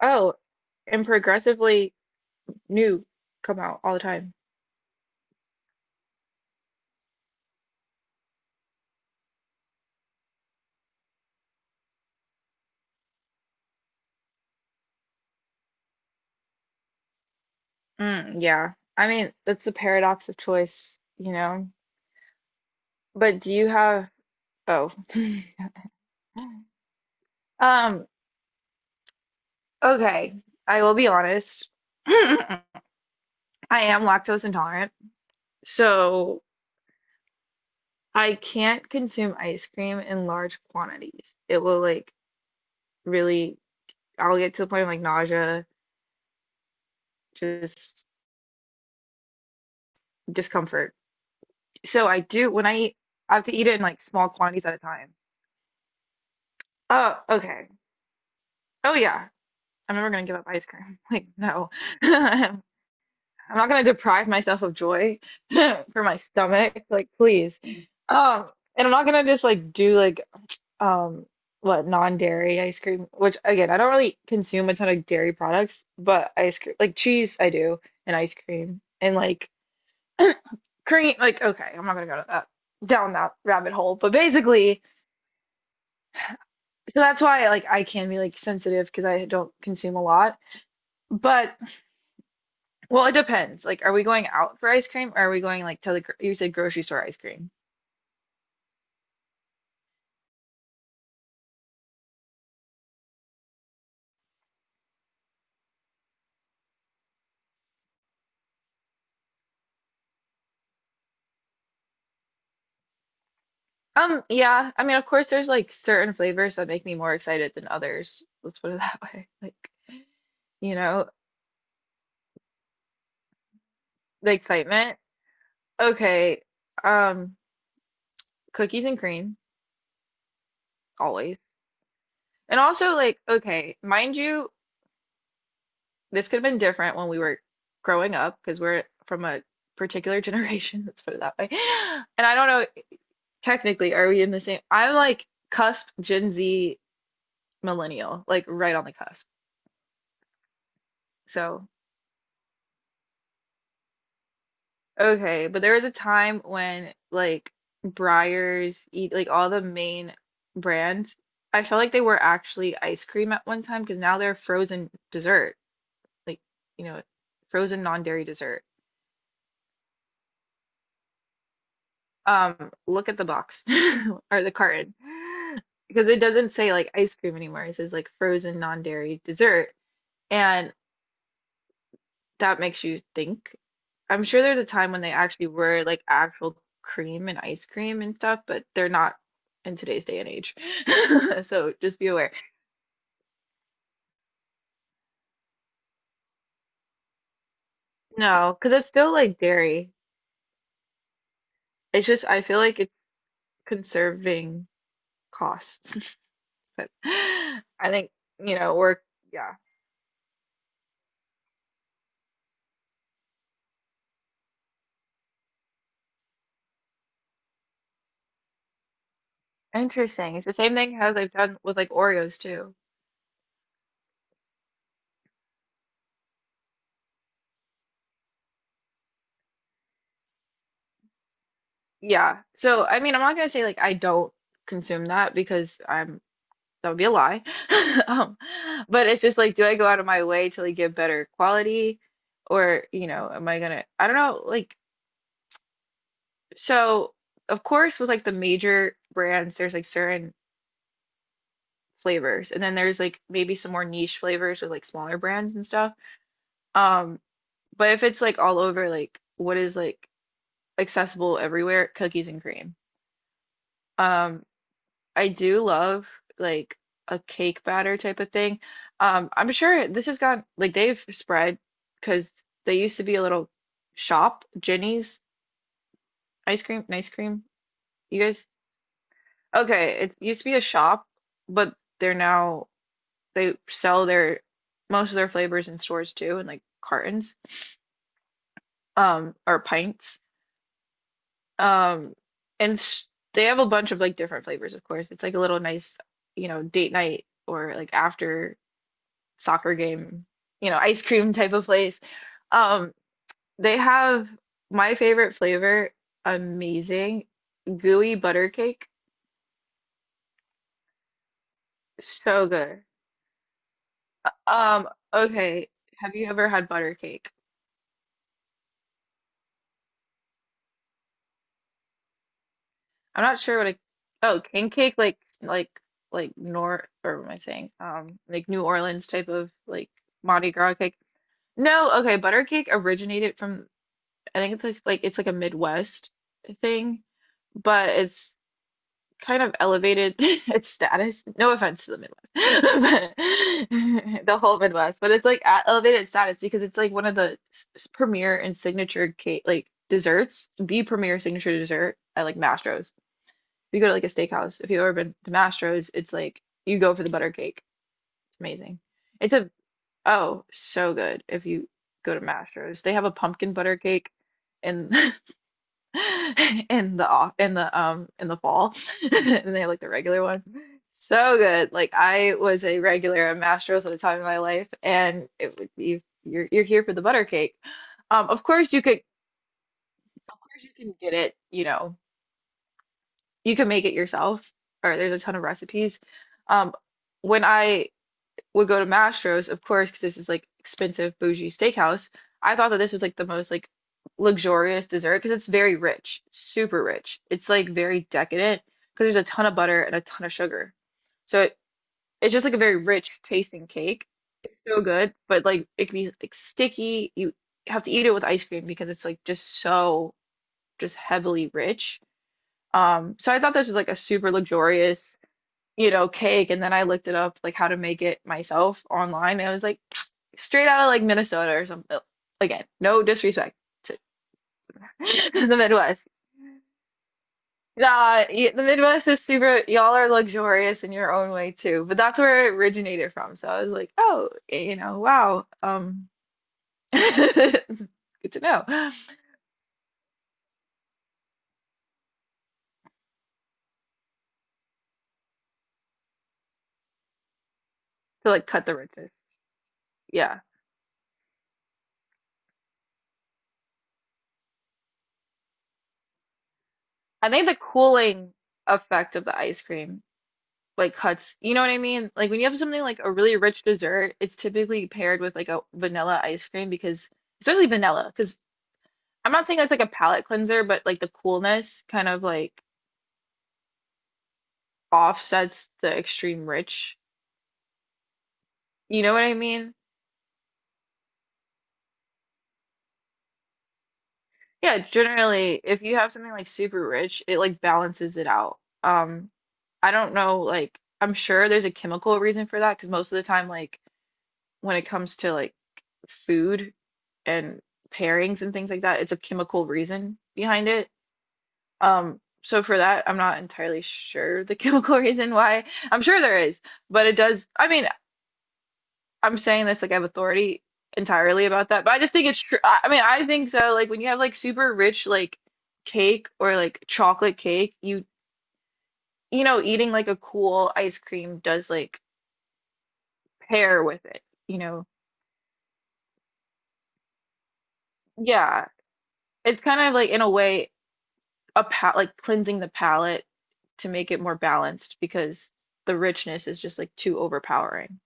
Oh, and progressively new come out all the time. Mm, yeah. I mean, that's the paradox of choice, you know? But do you have, oh. Um, okay. I will be honest. I am lactose intolerant, so I can't consume ice cream in large quantities. It will like really, I'll get to the point of like nausea, just discomfort. So I do, when I eat, I have to eat it in like small quantities at a time. Oh, okay. Oh, yeah. I'm never gonna give up ice cream. Like, no. I'm not gonna deprive myself of joy for my stomach. Like, please. Um, and I'm not gonna just like do like um what non-dairy ice cream, which again, I don't really consume a ton of dairy products, but ice cream, like cheese, I do, and ice cream, and like cream. Like, okay, I'm not gonna go to that down that rabbit hole. But basically, so that's why like I can be like sensitive because I don't consume a lot. But well, it depends. Like, are we going out for ice cream or are we going like to the, gr- you said grocery store ice cream? Yeah. I mean, of course, there's like certain flavors that make me more excited than others. Let's put it that way. Like, you know, the excitement. Okay. Um, Cookies and cream, always. And also, like, okay, mind you, this could have been different when we were growing up because we're from a particular generation. Let's put it that way. And I don't know, technically, are we in the same? I'm like cusp Gen Z millennial, like right on the cusp. So, okay, but there was a time when like Breyers, E- like all the main brands, I felt like they were actually ice cream at one time because now they're frozen dessert, like you know, frozen non-dairy dessert. Look at the box or the carton because it doesn't say like ice cream anymore. It says like frozen non-dairy dessert. And that makes you think. I'm sure there's a time when they actually were like actual cream and ice cream and stuff, but they're not in today's day and age. So just be aware. No, because it's still like dairy. It's just I feel like it's conserving costs. But I think, you know, we're yeah. Interesting. It's the same thing as I've done with like Oreos too. Yeah. So I mean, I'm not gonna say like I don't consume that because I'm that would be a lie. Um, but it's just like, do I go out of my way to like get better quality, or you know, am I gonna? I don't know. Like, so of course, with like the major brands, there's like certain flavors, and then there's like maybe some more niche flavors with like smaller brands and stuff. Um, but if it's like all over, like what is like accessible everywhere, cookies and cream. Um, I do love like a cake batter type of thing. I'm sure this has got like they've spread because they used to be a little shop, Jenny's ice cream. You guys, okay, it used to be a shop, but they're now they sell their most of their flavors in stores too, in like cartons, or pints. Um, and sh they have a bunch of like different flavors, of course. It's like a little nice, you know, date night or like after soccer game, you know, ice cream type of place. Um, they have my favorite flavor, amazing, gooey butter cake. So good. Um, okay. Have you ever had butter cake? I'm not sure what a oh, king cake like nor or what am I saying? Like New Orleans type of like Mardi Gras cake. No, okay, butter cake originated from I think it's like, it's like a Midwest thing, but it's kind of elevated its status. No offense to the Midwest, but the whole Midwest, but it's like at elevated status because it's like one of the s- premier and signature cake like desserts, the premier signature dessert at like Mastro's. If you go to like a steakhouse, if you've ever been to Mastro's, it's like you go for the butter cake. It's amazing. It's a oh, so good if you go to Mastro's. They have a pumpkin butter cake and in the off in the fall and they have like the regular one so good like I was a regular at Mastro's at the time of my life and it would be you're here for the butter cake of course you could of course you can get it you know you can make it yourself or there's a ton of recipes um when I would go to Mastro's, of course, because this is like expensive bougie steakhouse. I thought that this was like the most like luxurious dessert because it's very rich, super rich. It's like very decadent because there's a ton of butter and a ton of sugar. So it's just like a very rich tasting cake. It's so good, but like it can be like sticky. You have to eat it with ice cream because it's like just so just heavily rich. So I thought this was like a super luxurious you know, cake. And then I looked it up, like how to make it myself online. And I was like, straight out of like Minnesota or something. Again, no disrespect to the Midwest. Nah, the Midwest is super, y'all are luxurious in your own way too, but that's where it originated from. So I was like, oh, you know, wow. Good to know. To like cut the ridges. Yeah. I think the cooling effect of the ice cream like cuts, you know what I mean? Like when you have something like a really rich dessert, it's typically paired with like a vanilla ice cream because especially vanilla, because I'm not saying it's like a palate cleanser, but like the coolness kind of like offsets the extreme rich. You know what I mean? Yeah, generally, if you have something like super rich, it like balances it out. I don't know, like I'm sure there's a chemical reason for that because most of the time, like when it comes to like food and pairings and things like that, it's a chemical reason behind it. So for that, I'm not entirely sure the chemical reason why. I'm sure there is but it does I'm saying this like I have authority entirely about that, but I just think it's true. I mean, I think so. Like when you have like super rich like cake or like chocolate cake, you know, eating like a cool ice cream does like pair with it, you know. Yeah. It's kind of like in a way a pa like cleansing the palate to make it more balanced because the richness is just like too overpowering,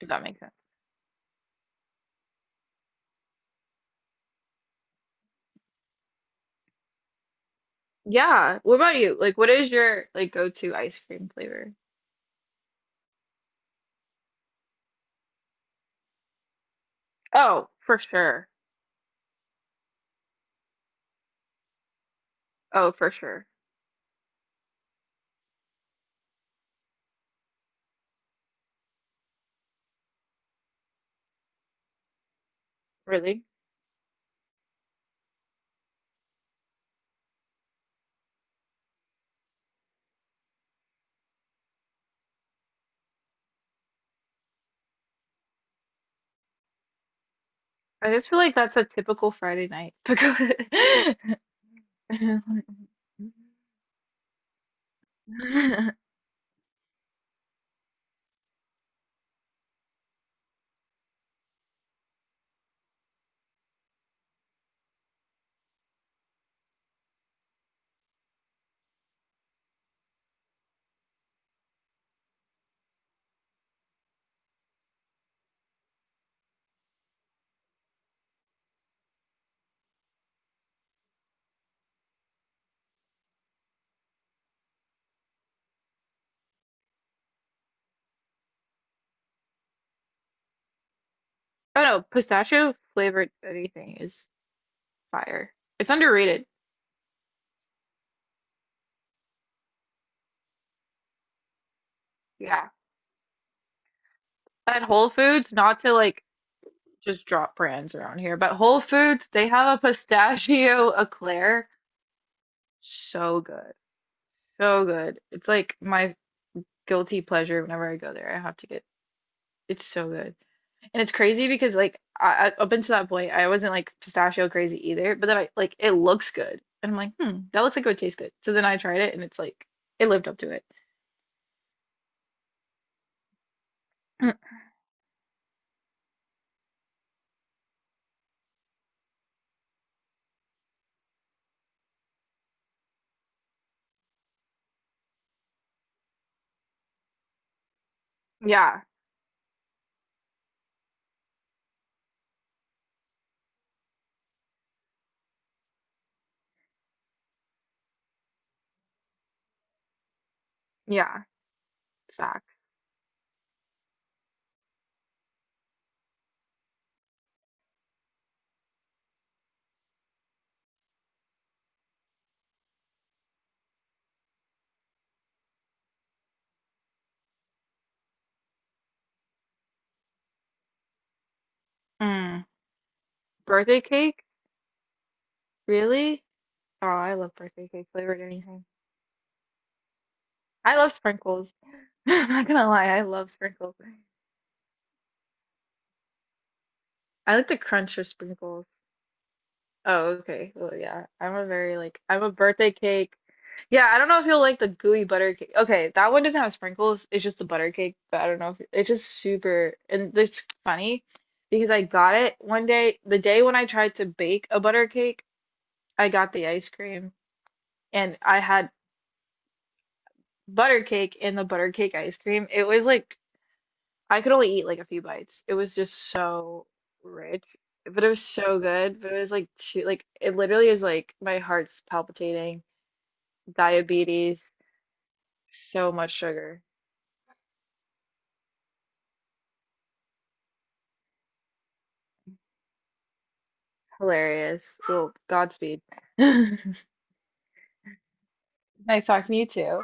if that makes sense. Yeah. What about you? Like what is your like go-to ice cream flavor? Oh, for sure. Oh, for sure. Really? I just feel like that's a typical Friday night. Because oh no, pistachio flavored anything is fire. It's underrated. Yeah. At Whole Foods, not to like just drop brands around here, but Whole Foods, they have a pistachio eclair. So good. So good. It's like my guilty pleasure whenever I go there. I have to get it's so good. And it's crazy because like I- up until that point, I wasn't like pistachio crazy either. But then I like it looks good, and I'm like, hmm, that looks like it would taste good. So then I tried it, and it's like it lived up to it. Yeah, yeah, fact. Mm. Birthday cake? Really? Oh, I love birthday cake flavored anything. I love sprinkles. I'm not gonna lie, I love sprinkles. I like the crunch of sprinkles. Oh, okay. Well, yeah. I'm a very like I'm a birthday cake. Yeah, I don't know if you'll like the gooey butter cake. Okay, that one doesn't have sprinkles. It's just the butter cake, but I don't know if it's just super and it's funny because I got it one day, the day when I tried to bake a butter cake, I got the ice cream and I had butter cake and the butter cake ice cream. It was like I could only eat like a few bites. It was just so rich but it was so good. But it was like too like it literally is like my heart's palpitating diabetes, so much sugar. Hilarious. Well, Godspeed. Nice talking to you too.